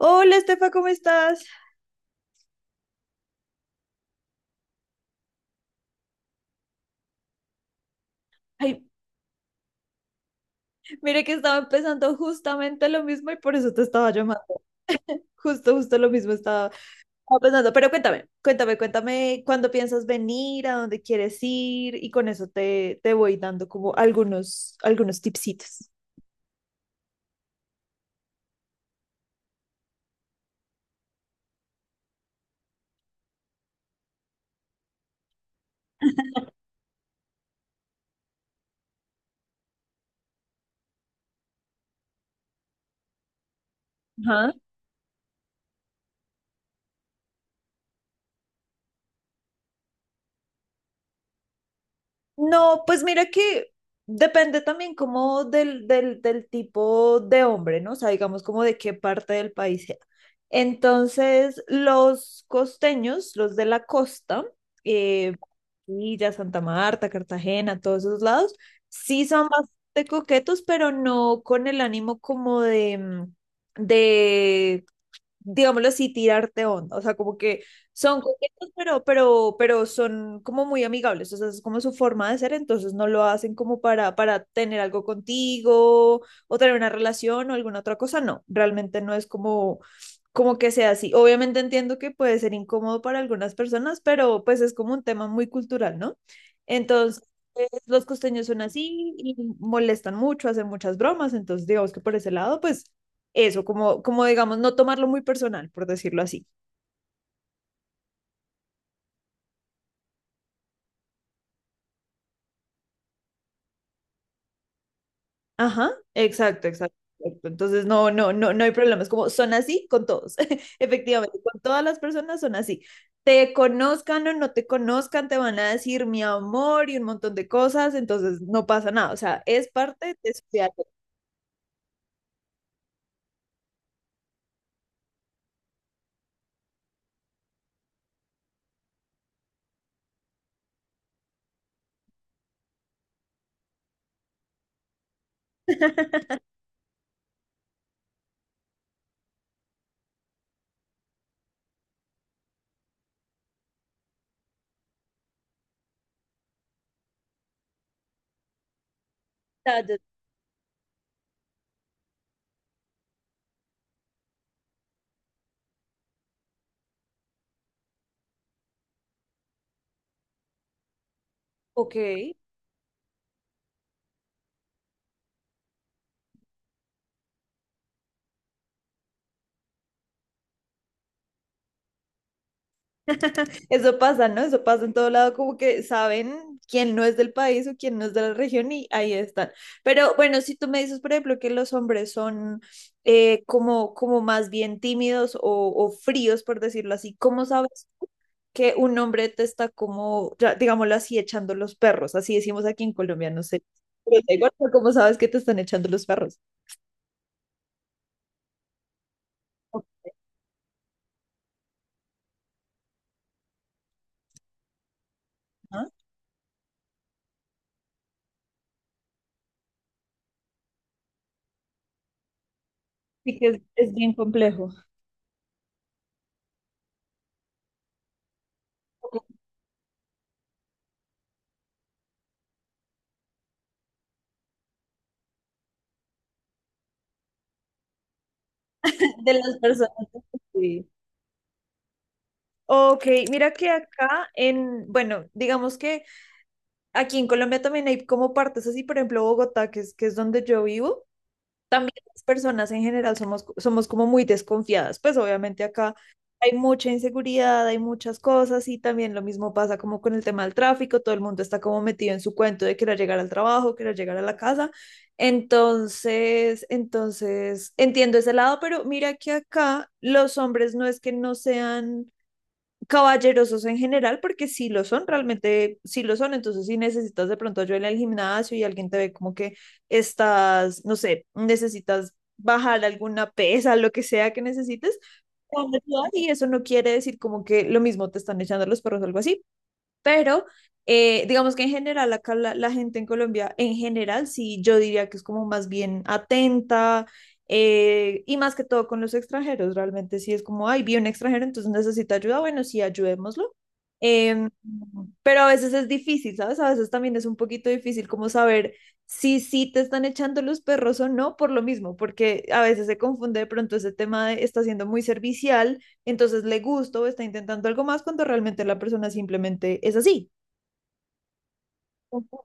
Hola, Estefa, ¿cómo estás? Ay, mire que estaba empezando justamente lo mismo y por eso te estaba llamando. Justo, justo lo mismo estaba pensando. Pero cuéntame, cuéntame, cuéntame cuándo piensas venir, a dónde quieres ir y con eso te voy dando como algunos tipsitos. No, pues mira que depende también como del tipo de hombre, ¿no? O sea, digamos como de qué parte del país sea. Entonces, los costeños, los de la costa, eh, Villa, Santa Marta, Cartagena, todos esos lados, sí son bastante coquetos, pero no con el ánimo como de digámoslo así, tirarte onda. O sea, como que son coquetos, pero son como muy amigables. O sea, es como su forma de ser, entonces no lo hacen como para tener algo contigo o tener una relación o alguna otra cosa. No, realmente no es como que sea así. Obviamente entiendo que puede ser incómodo para algunas personas, pero pues es como un tema muy cultural, ¿no? Entonces. Los costeños son así y molestan mucho, hacen muchas bromas, entonces digamos que por ese lado, pues eso, como digamos, no tomarlo muy personal, por decirlo así. Ajá, exacto, exacto. Exacto. Entonces, no, no, no, no hay problemas. Como son así con todos. Efectivamente, con todas las personas son así. Te conozcan o no te conozcan, te van a decir mi amor y un montón de cosas, entonces no pasa nada. O sea, es parte de su vida. Ok, eso pasa, ¿no? Eso pasa en todo lado, como que saben quién no es del país o quién no es de la región y ahí están. Pero bueno, si tú me dices, por ejemplo, que los hombres son como más bien tímidos o fríos, por decirlo así, ¿cómo sabes que un hombre te está como, ya, digámoslo así, echando los perros? Así decimos aquí en Colombia, no sé. Pero da igual, pero ¿cómo sabes que te están echando los perros? ¿No? Sí que es bien complejo. De las personas. Sí. Ok, mira que acá en, bueno, digamos que aquí en Colombia también hay como partes así, por ejemplo, Bogotá, que es donde yo vivo, también las personas en general somos como muy desconfiadas, pues obviamente acá hay mucha inseguridad, hay muchas cosas y también lo mismo pasa como con el tema del tráfico, todo el mundo está como metido en su cuento de querer llegar al trabajo, querer llegar a la casa, entiendo ese lado, pero mira que acá los hombres no es que no sean caballerosos en general, porque si lo son, realmente si lo son, entonces si necesitas de pronto ayuda en el gimnasio y alguien te ve como que estás, no sé, necesitas bajar alguna pesa, lo que sea que necesites, te van a ayudar y eso no quiere decir como que lo mismo te están echando los perros o algo así, pero digamos que en general acá la gente en Colombia, en general, sí, yo diría que es como más bien atenta. Y más que todo con los extranjeros, realmente sí es como, ay, vi un extranjero, entonces necesita ayuda, bueno, sí, ayudémoslo. Em, pero a veces es difícil, ¿sabes? A veces también es un poquito difícil como saber si sí te están echando los perros o no por lo mismo, porque a veces se confunde de pronto ese tema de está siendo muy servicial entonces le gustó o está intentando algo más cuando realmente la persona simplemente es así. Ujú,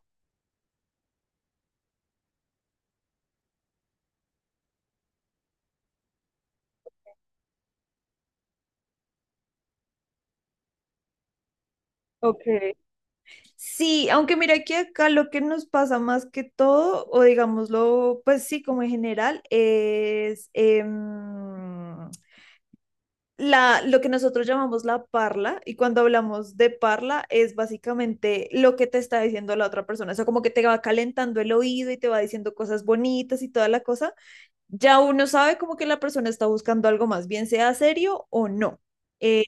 ok. Sí, aunque mira que acá lo que nos pasa más que todo, o digámoslo, pues sí, como en general, es lo que nosotros llamamos la parla, y cuando hablamos de parla es básicamente lo que te está diciendo la otra persona, o sea, como que te va calentando el oído y te va diciendo cosas bonitas y toda la cosa, ya uno sabe como que la persona está buscando algo más, bien sea serio o no. Eh,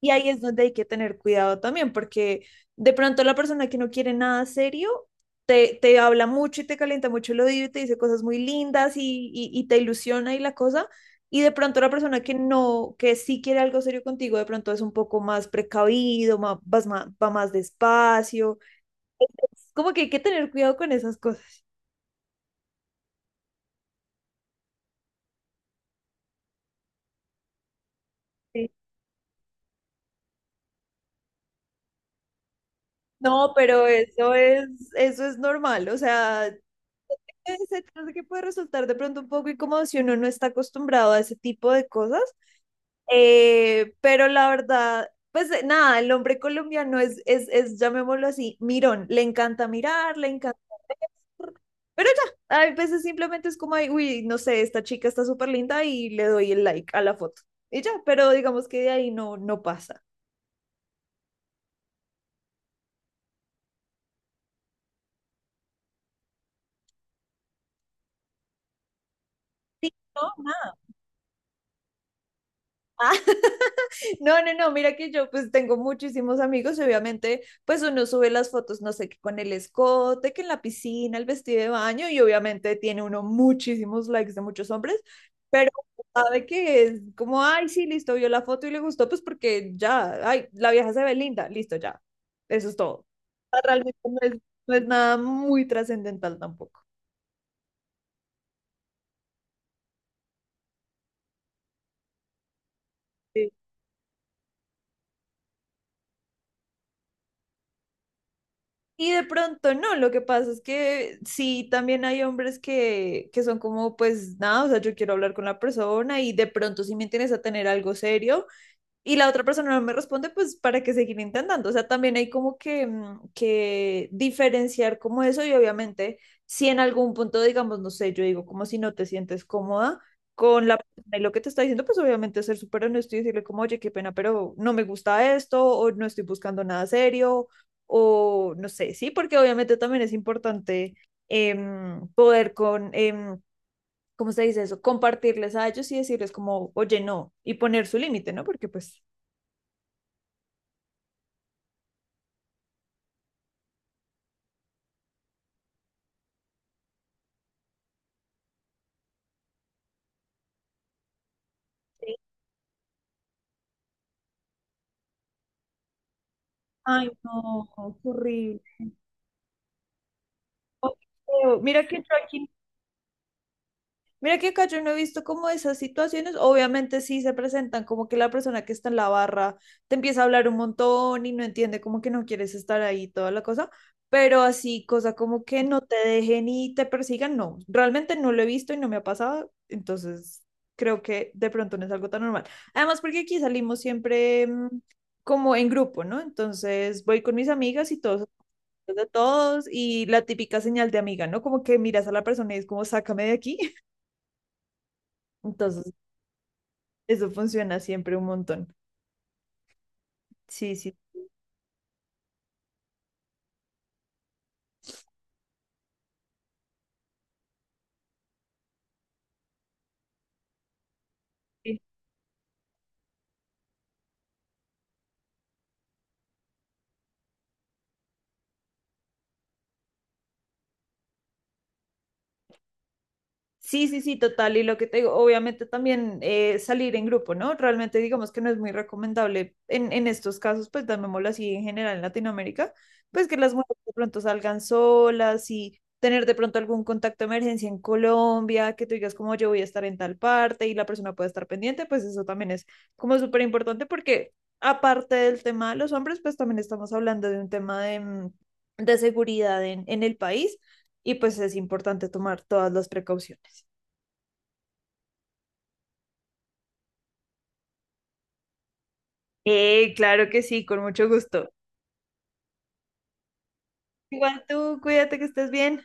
y ahí es donde hay que tener cuidado también, porque de pronto la persona que no quiere nada serio te habla mucho y te calienta mucho el oído y te dice cosas muy lindas y te ilusiona y la cosa. Y de pronto la persona que no, que sí quiere algo serio contigo, de pronto es un poco más precavido, más, va más despacio. Como que hay que tener cuidado con esas cosas. Sí. No, pero eso es normal, o sea, exacto, que puede resultar de pronto un poco incómodo si uno no está acostumbrado a ese tipo de cosas, pero la verdad, pues nada, el hombre colombiano es, llamémoslo así, mirón, le encanta mirar, le encanta, pero ya, a veces simplemente es como, ay, uy, no sé, esta chica está súper linda y le doy el like a la foto, y ya, pero digamos que de ahí no pasa. Sí, no, nada. No, no, no, mira que yo pues tengo muchísimos amigos y obviamente pues uno sube las fotos, no sé, que con el escote, que en la piscina, el vestido de baño y obviamente tiene uno muchísimos likes de muchos hombres, pero sabe que es como, ay, sí, listo, vio la foto y le gustó, pues porque ya, ay, la vieja se ve linda, listo, ya, eso es todo. O sea, realmente no es nada muy trascendental tampoco. Y de pronto no, lo que pasa es que sí, también hay hombres que son como, pues nada, o sea, yo quiero hablar con la persona y de pronto si me interesa tener algo serio, y la otra persona no me responde, pues para que seguir intentando. O sea, también hay como que diferenciar como eso y obviamente si en algún punto, digamos, no sé, yo digo como si no te sientes cómoda con la persona y lo que te está diciendo, pues obviamente ser súper honesto y decirle como, oye, qué pena, pero no me gusta esto o no estoy buscando nada serio o no sé, sí, porque obviamente también es importante em, poder con... em, ¿cómo se dice eso? Compartirles a ellos y decirles como, oye, no, y poner su límite, ¿no? Porque pues. Ay, no, qué horrible. Oh, qué feo. Mira que acá yo no he visto como esas situaciones, obviamente sí se presentan como que la persona que está en la barra te empieza a hablar un montón y no entiende como que no quieres estar ahí, toda la cosa, pero así, cosa como que no te dejen y te persigan, no, realmente no lo he visto y no me ha pasado, entonces creo que de pronto no es algo tan normal. Además, porque aquí salimos siempre como en grupo, ¿no? Entonces voy con mis amigas y todos de todos y la típica señal de amiga, ¿no? Como que miras a la persona y es como, sácame de aquí. Entonces, eso funciona siempre un montón. Sí, sí. Sí. Sí, sí, sí, total. Y lo que te digo, obviamente también salir en grupo, ¿no? Realmente digamos que no es muy recomendable en estos casos, pues llamémoslo así en general en Latinoamérica, pues que las mujeres de pronto salgan solas y tener de pronto algún contacto de emergencia en Colombia, que tú digas como yo voy a estar en tal parte y la persona puede estar pendiente, pues eso también es como súper importante porque aparte del tema de los hombres, pues también estamos hablando de un tema de seguridad en el país y pues es importante tomar todas las precauciones. Claro que sí, con mucho gusto. Igual tú, cuídate que estés bien.